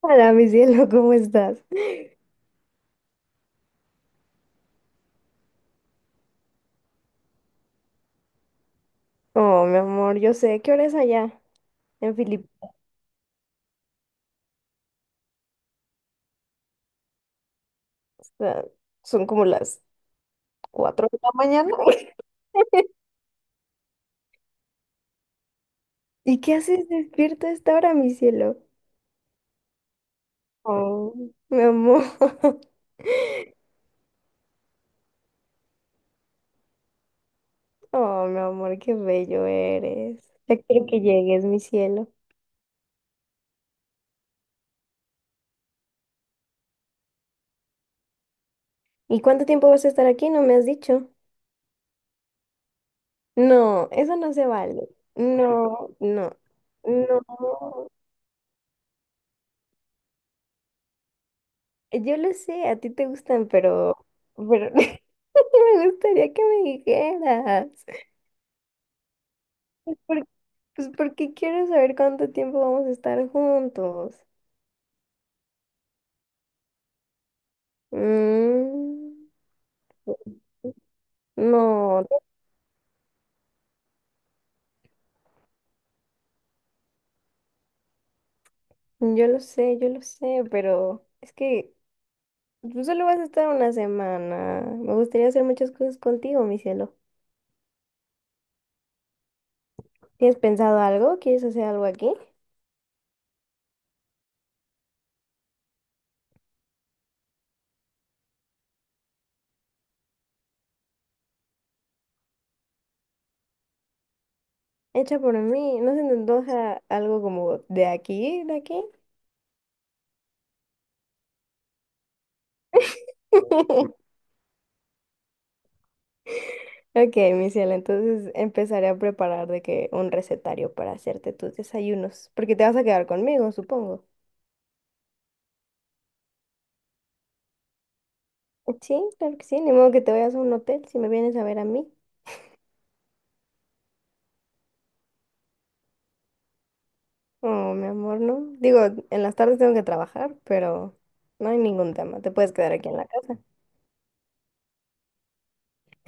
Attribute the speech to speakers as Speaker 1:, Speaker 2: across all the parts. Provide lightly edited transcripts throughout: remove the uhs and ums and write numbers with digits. Speaker 1: Hola, mi cielo, ¿cómo estás? Oh, mi amor, yo sé qué hora es allá en Filipinas. Ah, son como las 4 de la mañana. ¿Y qué haces despierto a esta hora, mi cielo? Oh, mi amor. Oh, mi amor, qué bello eres. Ya quiero que llegues, mi cielo. ¿Y cuánto tiempo vas a estar aquí? No me has dicho. No, eso no se vale. No, no, no. Yo lo sé, a ti te gustan, pero me gustaría que me dijeras. Pues, por- pues, porque quiero saber cuánto tiempo vamos a estar juntos. Mm, no, yo lo sé, pero es que tú solo vas a estar una semana. Me gustaría hacer muchas cosas contigo, mi cielo. ¿Tienes pensado algo? ¿Quieres hacer algo aquí? Hecha por mí. ¿No se te antoja algo como de aquí, de aquí? Ok, mi cielo, entonces empezaré a preparar de que un recetario para hacerte tus desayunos, porque te vas a quedar conmigo, supongo. Sí, claro que sí, ni modo que te vayas a un hotel si me vienes a ver a mí. Oh, mi amor, no. Digo, en las tardes tengo que trabajar, pero no hay ningún tema, te puedes quedar aquí en la casa.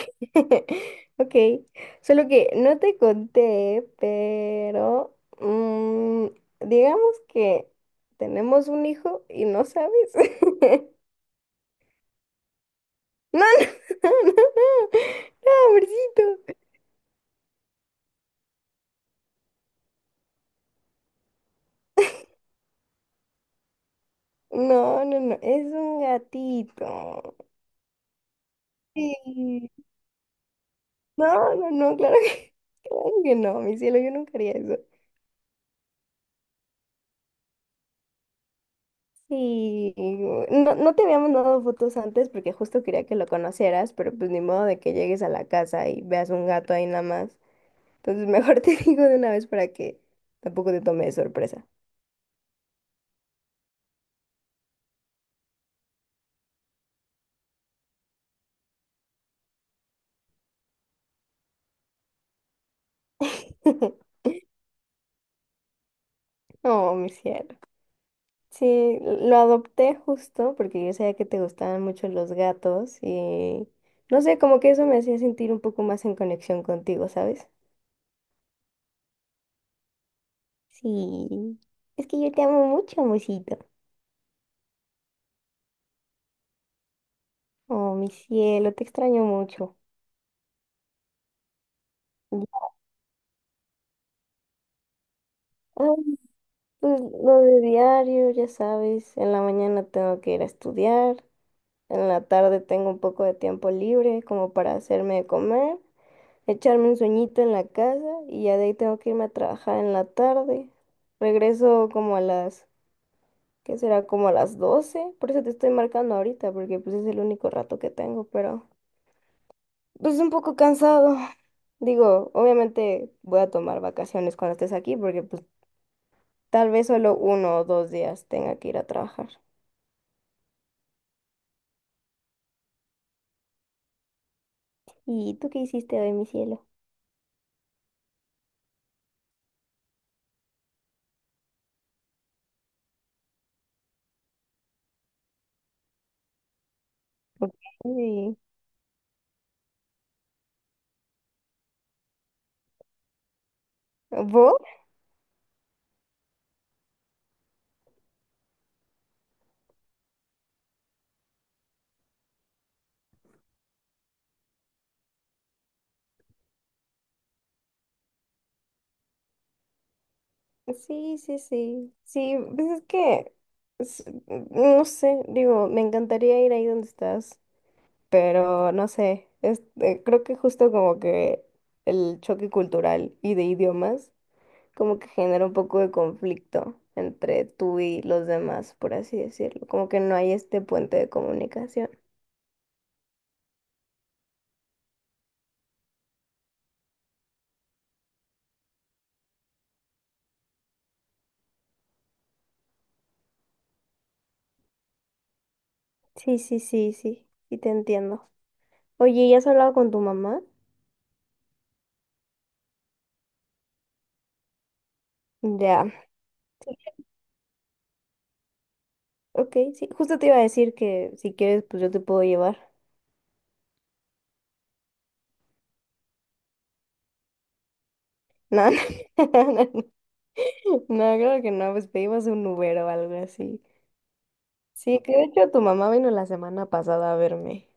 Speaker 1: Ok, solo que no te conté, pero digamos que tenemos un hijo y no sabes. No, no, no, no, pobrecito. No, no, no, es un gatito. Sí. No, no, no, claro que, claro que no, mi cielo, yo nunca haría eso. Sí, no, no te había mandado fotos antes porque justo quería que lo conocieras, pero pues ni modo de que llegues a la casa y veas un gato ahí nada más. Entonces mejor te digo de una vez para que tampoco te tome de sorpresa. Oh, mi cielo. Sí, lo adopté justo porque yo sabía que te gustaban mucho los gatos y no sé, como que eso me hacía sentir un poco más en conexión contigo, ¿sabes? Sí, es que yo te amo mucho, amorcito. Oh, mi cielo, te extraño mucho. Ya, pues lo de diario, ya sabes, en la mañana tengo que ir a estudiar, en la tarde tengo un poco de tiempo libre como para hacerme de comer. Echarme un sueñito en la casa y ya de ahí tengo que irme a trabajar en la tarde. Regreso como a las, ¿qué será? Como a las 12. Por eso te estoy marcando ahorita, porque pues es el único rato que tengo, pero pues un poco cansado. Digo, obviamente voy a tomar vacaciones cuando estés aquí, porque pues tal vez solo 1 o 2 días tenga que ir a trabajar. ¿Y tú qué hiciste hoy, mi cielo? Ok. ¿Vos? Sí, sí, sí. Sí, pues es que, es- no sé, digo, me encantaría ir ahí donde estás, pero no sé, este, creo que justo como que el choque cultural y de idiomas como que genera un poco de conflicto entre tú y los demás, por así decirlo, como que no hay este puente de comunicación. Sí, sí, sí, sí, sí te entiendo. Oye, ¿ya has hablado con tu mamá? Ya, ok, sí, justo te iba a decir que si quieres, pues yo te puedo llevar. No, no, creo que no, pues pedimos un Uber o algo así. Sí, que de hecho tu mamá vino la semana pasada a verme.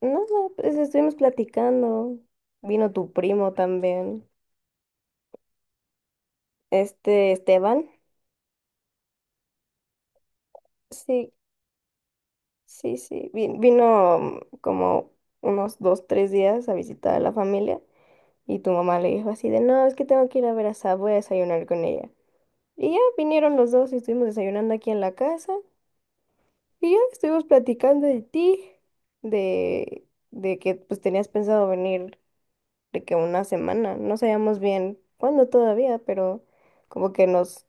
Speaker 1: Nada, pues estuvimos platicando. Vino tu primo también. Este, Esteban. Sí, sí, sí. Vino como unos 2, 3 días a visitar a la familia. Y tu mamá le dijo así de, no, es que tengo que ir a ver a Sab, voy a desayunar con ella. Y ya vinieron los dos y estuvimos desayunando aquí en la casa. Y ya estuvimos platicando de ti, de que pues tenías pensado venir de que una semana, no sabíamos bien cuándo todavía, pero como que nos,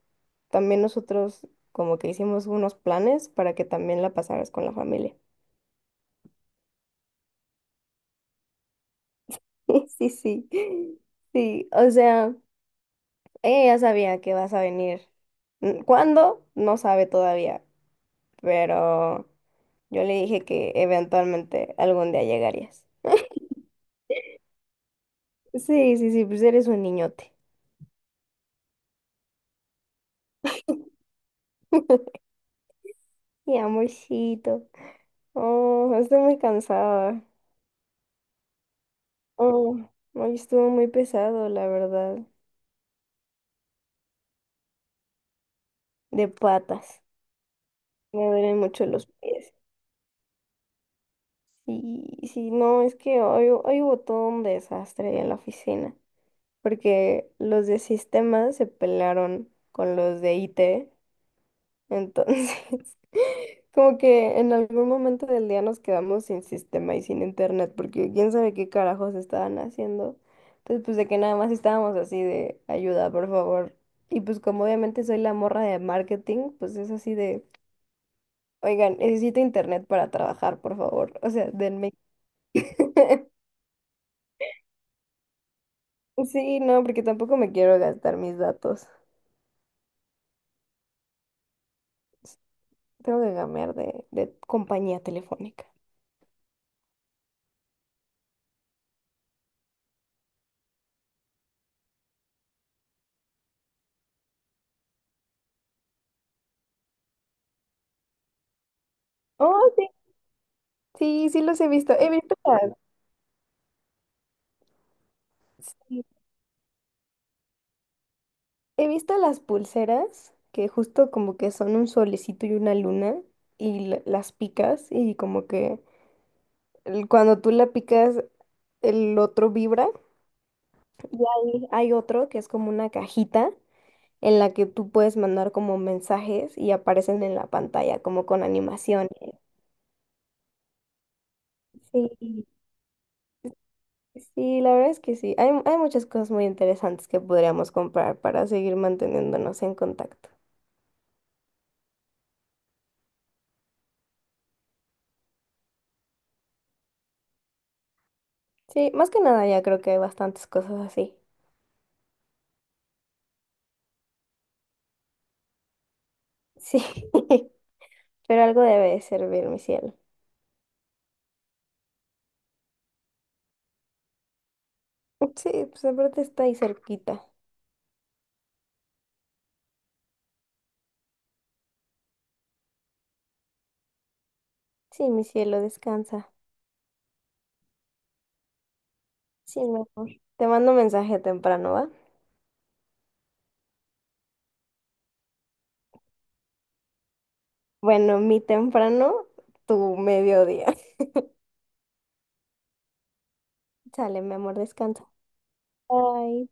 Speaker 1: también nosotros como que hicimos unos planes para que también la pasaras con la familia. Sí, sí, sí, o sea, ella ya sabía que vas a venir. ¿Cuándo? No sabe todavía, pero yo le dije que eventualmente algún día llegarías. Sí, sí, sí, pues eres un niñote. Y amorcito. Oh, estoy muy cansada. Oh, hoy estuvo muy pesado, la verdad. De patas. Me duelen mucho los pies. Sí, sí, no, es que hoy hubo todo un desastre en la oficina. Porque los de sistemas se pelearon con los de IT. Entonces, como que en algún momento del día nos quedamos sin sistema y sin internet, porque quién sabe qué carajos estaban haciendo. Entonces, pues de que nada más estábamos así de ayuda, por favor. Y pues como obviamente soy la morra de marketing, pues es así de, oigan, necesito internet para trabajar, por favor. O sea, denme. Sí, no, porque tampoco me quiero gastar mis datos. Tengo que cambiar de compañía telefónica. Oh, sí, sí, sí los he visto. Sí, he visto las pulseras que justo como que son un solecito y una luna y las picas y como que cuando tú la picas el otro vibra y hay otro que es como una cajita en la que tú puedes mandar como mensajes y aparecen en la pantalla como con animaciones. Sí, sí, la verdad es que sí. Hay muchas cosas muy interesantes que podríamos comprar para seguir manteniéndonos en contacto. Sí, más que nada ya creo que hay bastantes cosas así. Sí. Pero algo debe de servir, mi cielo. Sí, pues aparte está ahí cerquita. Sí, mi cielo, descansa. Sí, mi amor. Te mando un mensaje temprano, ¿va? Bueno, mi temprano, tu mediodía. Sale, mi amor, descansa. Bye.